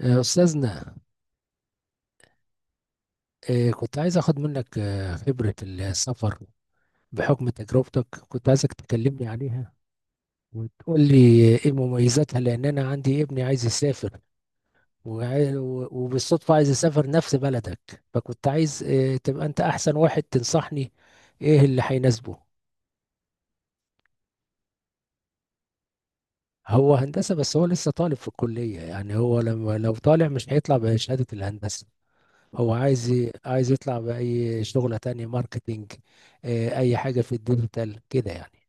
أستاذنا. كنت عايز أخد منك خبرة السفر بحكم تجربتك، كنت عايزك تكلمني عليها وتقول لي إيه مميزاتها، لأن أنا عندي ابني عايز يسافر، وبالصدفة عايز يسافر نفس بلدك. فكنت عايز تبقى أنت أحسن واحد تنصحني إيه اللي هيناسبه. هو هندسة، بس هو لسه طالب في الكلية. يعني هو لما لو طالع مش هيطلع بشهادة الهندسة. هو عايز عايز يطلع بأي شغلة تانية، ماركتينج. أي حاجة في الديجيتال كده يعني.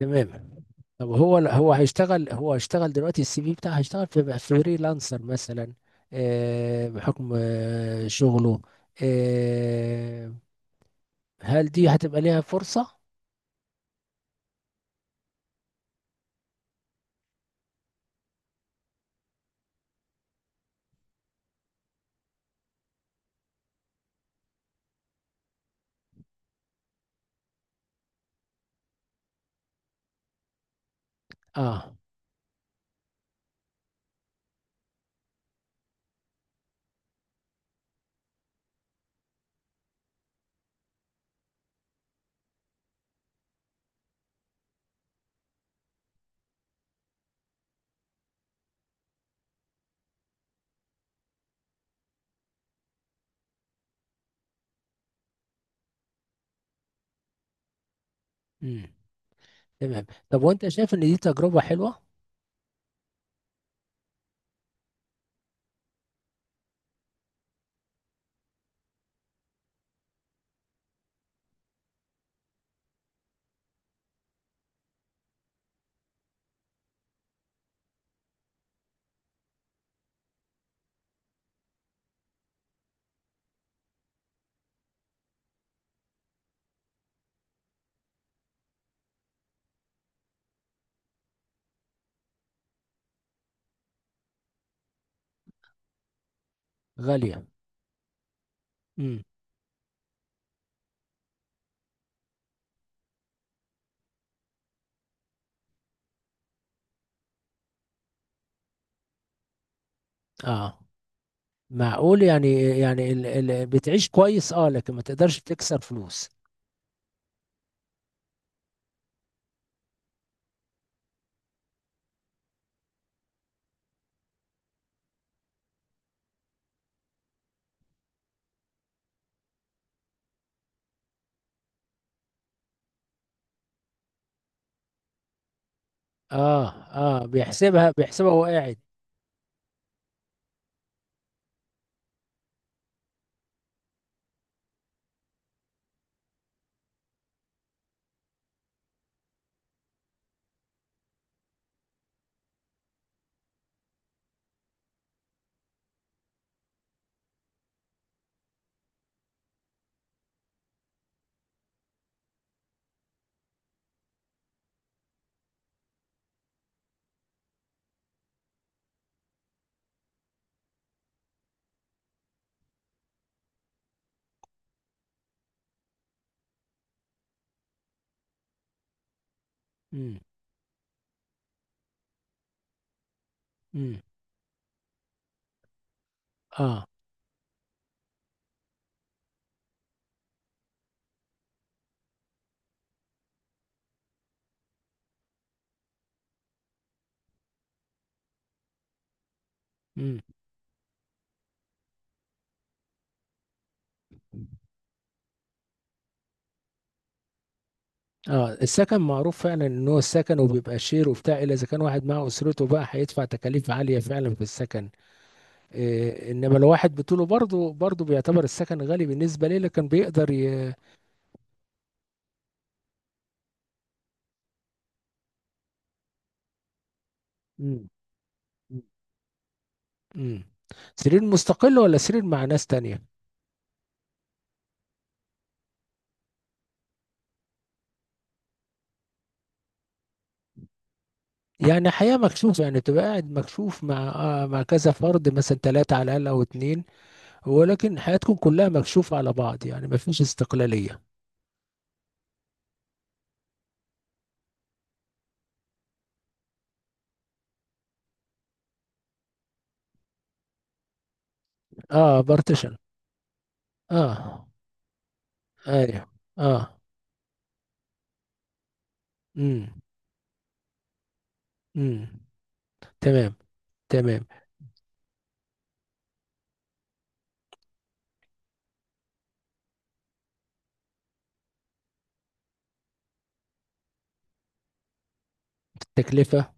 تمام. طب هو هيشتغل دلوقتي. السي في بتاعه هيشتغل في فريلانسر مثلا. بحكم شغله. آه، هل دي هتبقى ليها فرصة؟ اه. امم. تمام. طب وانت شايف ان دي تجربة حلوة؟ غالية. امم. اه، معقول يعني ال ال بتعيش كويس، اه، لكن ما تقدرش تكسر فلوس. اه، اه، بيحسبها بيحسبها وهو قاعد. امم. امم. اه. امم. اه، السكن معروف فعلا ان هو السكن، وبيبقى شير وبتاع، الا اذا كان واحد مع اسرته بقى، هيدفع تكاليف عاليه فعلا في السكن. إيه، انما لو واحد بطوله برضه برضه بيعتبر السكن غالي بالنسبه ليه، لكن بيقدر مم. مم. سرير مستقل ولا سرير مع ناس تانية؟ يعني حياه مكشوف، يعني تبقى قاعد مكشوف مع مع كذا فرد مثلا، ثلاثه على الاقل او اتنين. ولكن حياتكم كلها مكشوفة على بعض، يعني ما فيش استقلالية. اه، بارتيشن. اه. ايوه. اه. امم. امم. تمام. تمام. تكلفة.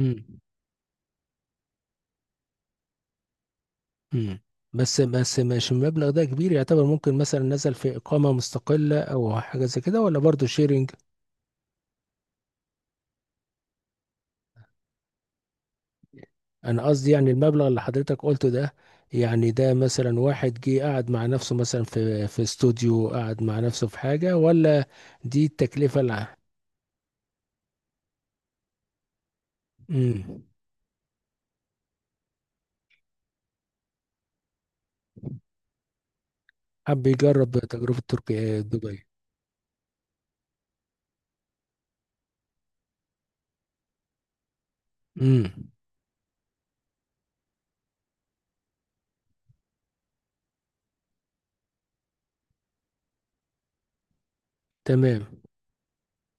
امم. امم. بس، مش المبلغ ده كبير يعتبر؟ ممكن مثلا نزل في إقامة مستقلة أو حاجة زي كده، ولا برضه شيرنج؟ أنا قصدي يعني المبلغ اللي حضرتك قلته ده، يعني ده مثلا واحد جه قعد مع نفسه مثلا في استوديو، قعد مع نفسه في حاجة، ولا دي التكلفة اللي... امم. حب يجرب تجربة تركيا دبي. امم. تمام.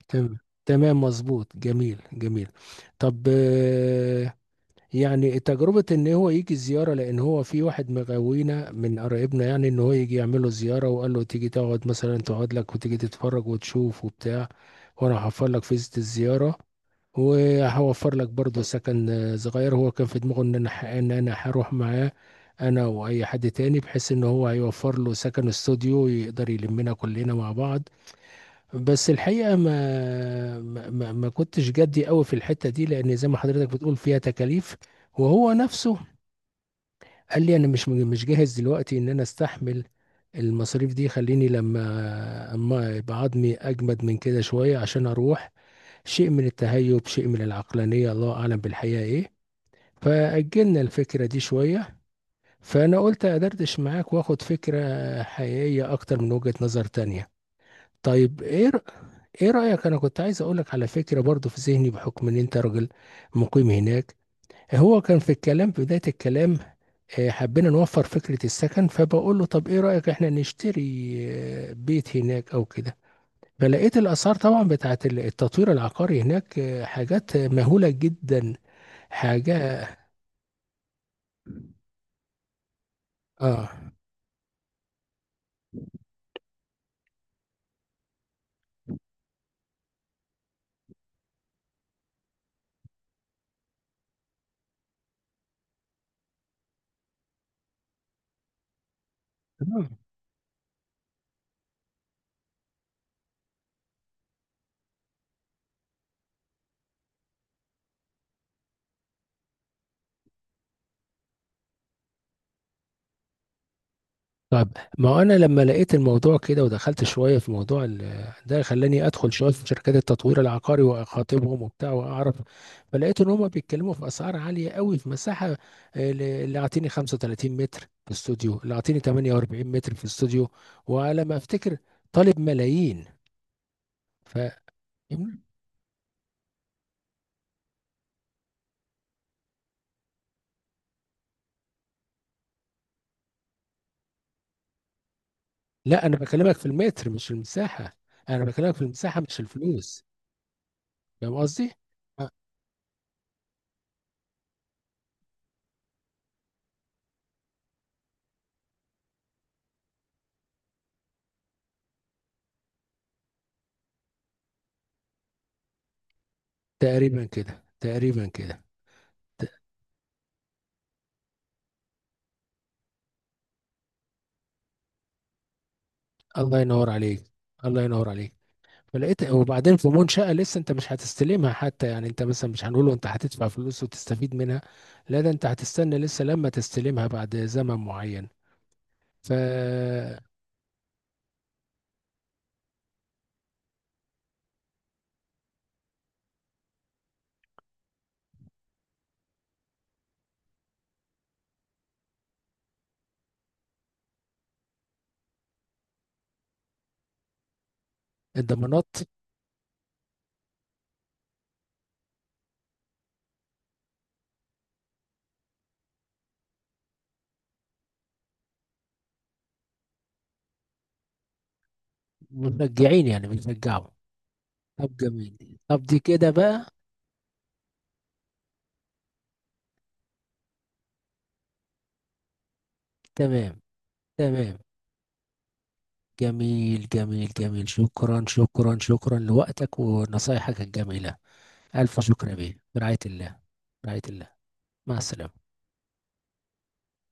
تمام. تمام مظبوط، جميل جميل. طب يعني تجربة ان هو يجي زيارة، لان هو في واحد مغاوينا من قرايبنا، يعني ان هو يجي يعمل له زيارة، وقال له تيجي تقعد مثلا، تقعد لك وتيجي تتفرج وتشوف وبتاع. وانا هوفر لك فيزة الزيارة، وهوفر لك برضه سكن صغير. هو كان في دماغه ان انا ان انا هروح معاه، انا واي حد تاني، بحيث ان هو هيوفر له سكن استوديو يقدر يلمنا كلنا مع بعض. بس الحقيقة ما كنتش جدي قوي في الحتة دي، لأن زي ما حضرتك بتقول فيها تكاليف. وهو نفسه قال لي أنا مش جاهز دلوقتي إن أنا أستحمل المصاريف دي. خليني لما أما يبقى عظمي أجمد من كده شوية عشان أروح. شيء من التهيب، شيء من العقلانية، الله أعلم بالحقيقة إيه. فأجلنا الفكرة دي شوية. فأنا قلت أدردش معاك وآخد فكرة حقيقية أكتر من وجهة نظر تانية. طيب إيه؟ ايه رأيك؟ انا كنت عايز اقولك على فكرة برضو في ذهني، بحكم ان انت راجل مقيم هناك. هو كان في الكلام، في بداية الكلام حبينا نوفر فكرة السكن. فبقول له طب ايه رأيك احنا نشتري بيت هناك او كده. فلقيت الاسعار طبعا بتاعت التطوير العقاري هناك، حاجات مهولة جدا، حاجة. اه. طيب ما هو انا لما لقيت الموضوع كده، ودخلت شويه في موضوع ده، خلاني ادخل شويه في شركات التطوير العقاري واخاطبهم وبتاع واعرف. فلقيت ان هم بيتكلموا في اسعار عاليه قوي في مساحه. اللي اعطيني 35 متر في استوديو، اللي اعطيني 48 متر في استوديو، وعلى ما افتكر طالب ملايين. ف... لا، انا بكلمك في المتر مش في المساحه، انا بكلمك في المساحه مش الفلوس. فاهم قصدي؟ آه، تقريبا كده، تقريبا كده. الله ينور عليك، الله ينور عليك. فلقيت وبعدين في منشأة لسه انت مش هتستلمها حتى، يعني انت مثلا مش هنقوله انت هتدفع فلوس وتستفيد منها. لا، ده انت هتستنى لسه لما تستلمها بعد زمن معين، فالضمانات. مشجعين يعني، بيشجعوا. طب جميل، طب دي كده بقى. تمام. تمام. جميل جميل جميل، شكرا شكرا شكرا لوقتك ونصايحك الجميلة. ألف شكر يا بيه، برعاية الله. برعاية الله. مع السلامة.